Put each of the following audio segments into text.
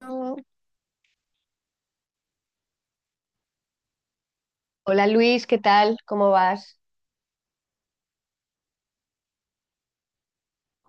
No. Hola, Luis, ¿qué tal? ¿Cómo vas?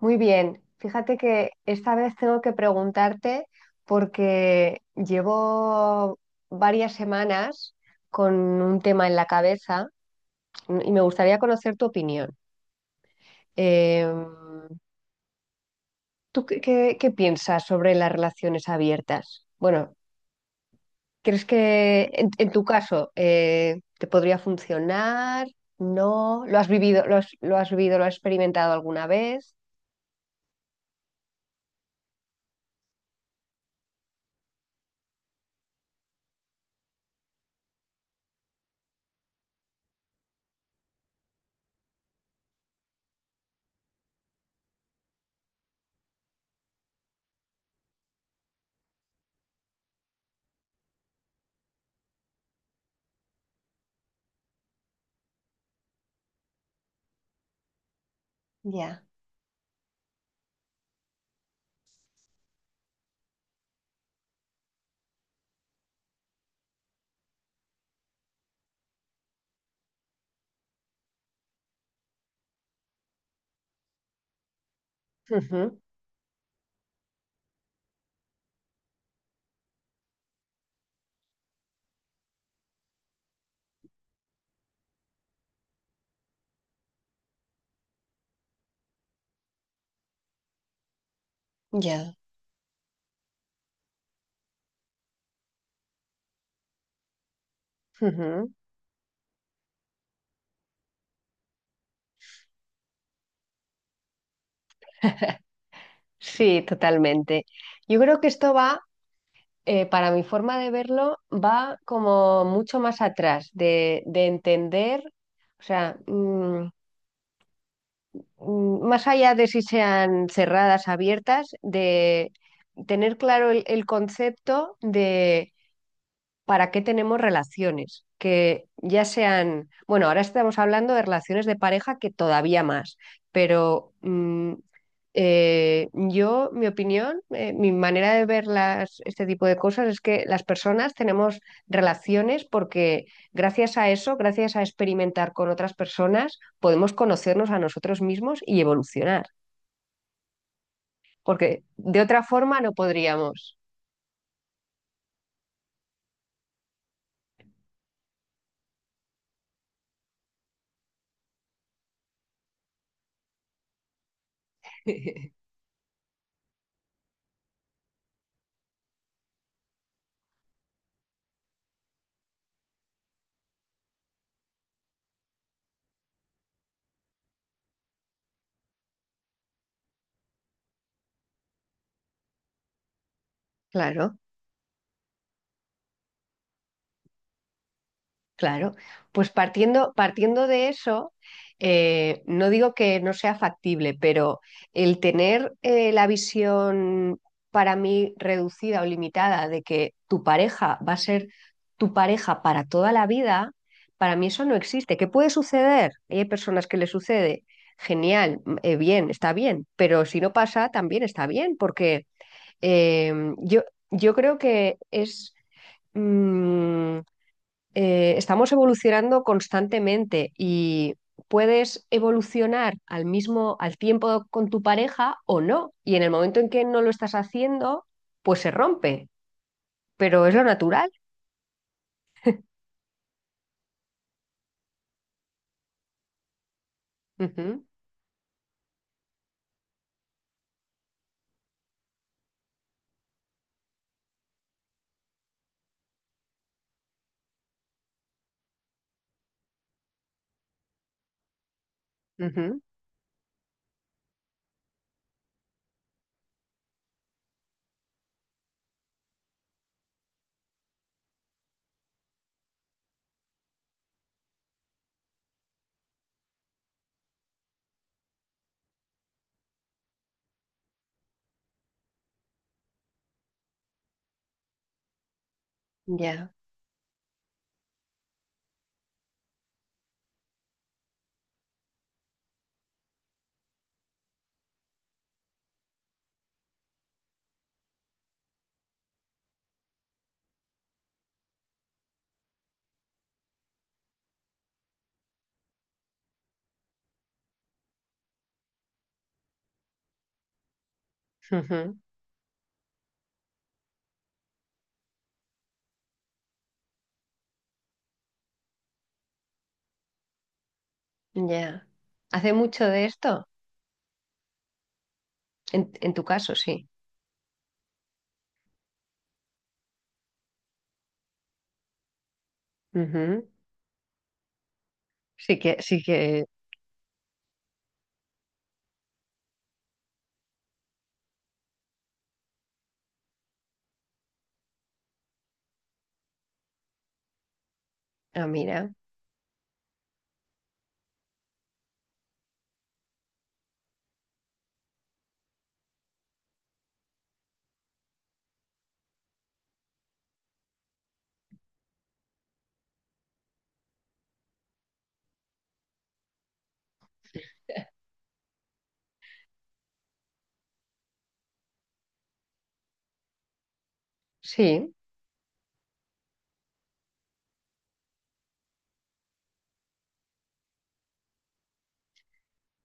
Muy bien. Fíjate que esta vez tengo que preguntarte porque llevo varias semanas con un tema en la cabeza y me gustaría conocer tu opinión. Eh, ¿Tú qué piensas sobre las relaciones abiertas? Bueno, ¿crees que en, tu caso te podría funcionar? ¿No? ¿Lo has vivido, lo has experimentado alguna vez? Ya. Ujú. Ya. Ujú. Sí, totalmente. Yo creo que esto va, para mi forma de verlo, va como mucho más atrás de, entender, o sea, más allá de si sean cerradas, abiertas, de tener claro el concepto para qué tenemos relaciones, que ya sean, bueno, ahora estamos hablando de relaciones de pareja que todavía más, pero mi opinión, mi manera de ver las, este tipo de cosas es que las personas tenemos relaciones porque gracias a eso, gracias a experimentar con otras personas, podemos conocernos a nosotros mismos y evolucionar, porque de otra forma no podríamos. Claro. Claro, pues partiendo de eso, no digo que no sea factible, pero el tener la visión para mí reducida o limitada de que tu pareja va a ser tu pareja para toda la vida, para mí eso no existe. ¿Qué puede suceder? Hay personas que le sucede, genial, bien, está bien, pero si no pasa, también está bien, porque eh, yo, yo creo que es. mm, Estamos evolucionando constantemente y puedes evolucionar al tiempo con tu pareja o no. Y en el momento en que no lo estás haciendo, pues se rompe, pero es lo natural. Ujú. Ujú. Ya. Ujú. Ya. Hace mucho de esto, en, tu caso, sí. Ujú. Sí que, sí que. Ah, mira, sí.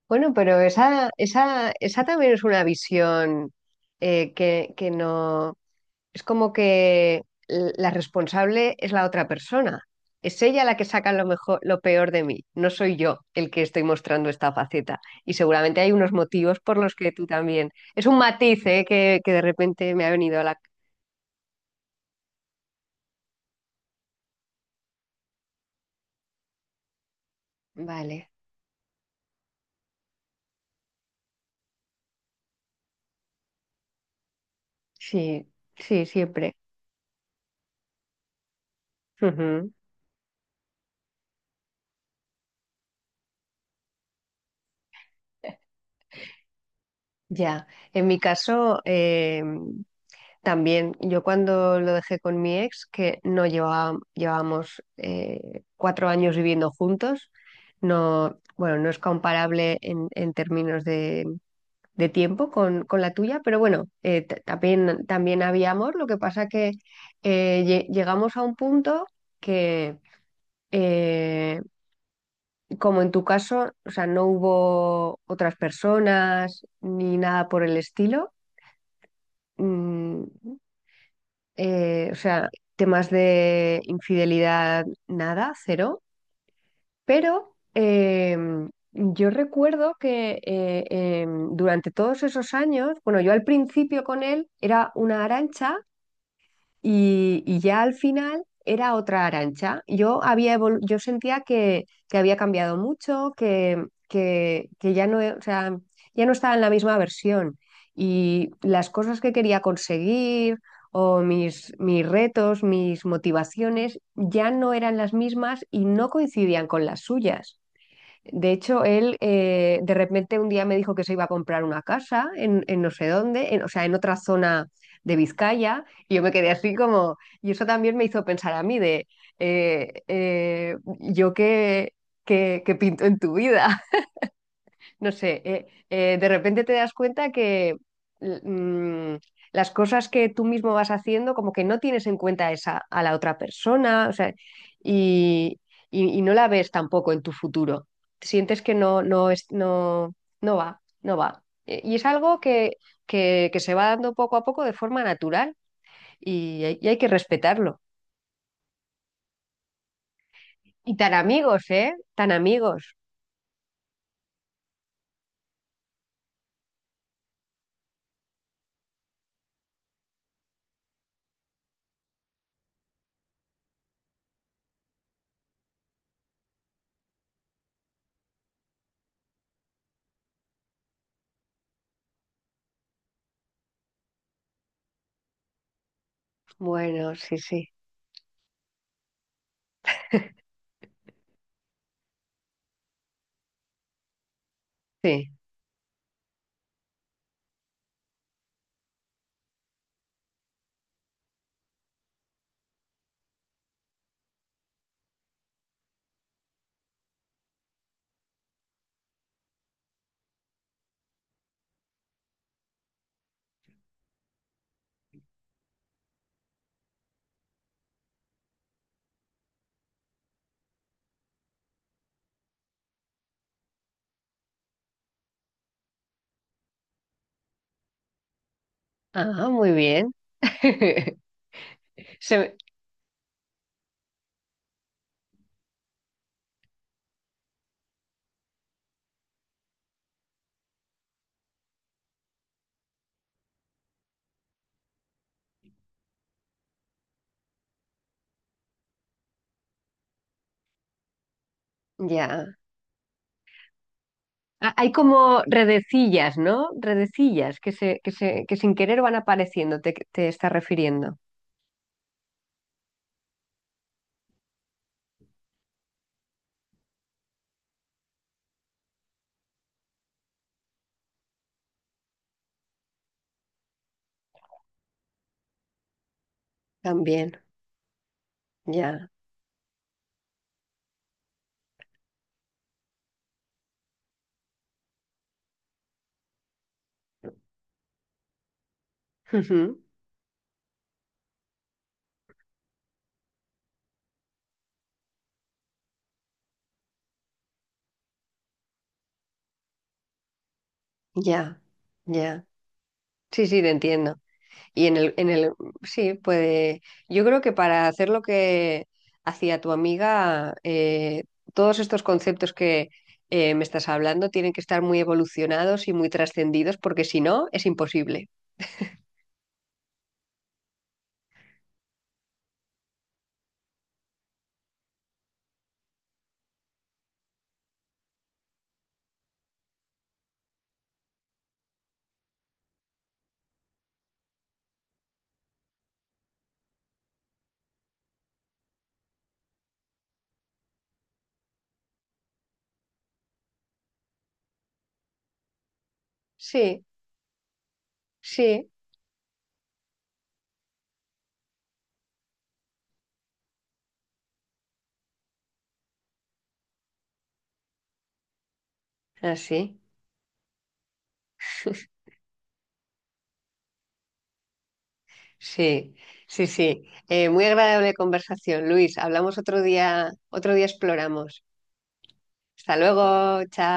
Bueno, pero esa también es una visión que no. Es como que la responsable es la otra persona. Es ella la que saca lo mejor, lo peor de mí. No soy yo el que estoy mostrando esta faceta. Y seguramente hay unos motivos por los que tú también. Es un matiz, ¿eh? Que de repente me ha venido a la. Vale, sí, sí, siempre. Ujú. Ya, en mi caso, también, yo cuando lo dejé con mi ex, que no llevábamos cuatro años viviendo juntos. No, bueno, no es comparable en, términos de, tiempo con, la tuya, pero bueno, también había amor, lo que pasa que llegamos a un punto que, eh, como en tu caso, o sea, no hubo otras personas ni nada por el estilo. mm, o sea, temas de infidelidad, nada, cero. Pero yo recuerdo que durante todos esos años, bueno, yo al principio con él era una Arancha y ya al final era otra Arancha. Yo sentía que, había cambiado mucho, que ya no, o sea, ya no estaba en la misma versión. Y las cosas que quería conseguir o mis retos, mis motivaciones, ya no eran las mismas y no coincidían con las suyas. De hecho, él de repente un día me dijo que se iba a comprar una casa en, no sé dónde, o sea, en otra zona de Vizcaya, y yo me quedé así como, y eso también me hizo pensar a mí de, yo qué, pinto en tu vida, no sé, de repente te das cuenta que l- mm, las cosas que tú mismo vas haciendo, como que no tienes en cuenta esa, a la otra persona, o sea, y, y no la ves tampoco en tu futuro. Sientes que no, no es, no, no va, no va. Y es algo que, se va dando poco a poco de forma natural y, y hay que respetarlo. Y tan amigos, ¿eh? Tan amigos. Bueno, sí, sí, sí. Ah, muy bien. Se, Ya. Hay como redecillas, ¿no? Redecillas que sin querer van apareciendo, te estás refiriendo. También, ya. Ujú. Ya, ya. Sí, sí, te entiendo. Y en el, sí, puede. Yo creo que para hacer lo que hacía tu amiga, todos estos conceptos que me estás hablando tienen que estar muy evolucionados y muy trascendidos, porque si no, es imposible. Sí, sí, así. Sí, sí, sí. Muy agradable conversación, Luis. Hablamos otro día exploramos. Hasta luego, chao.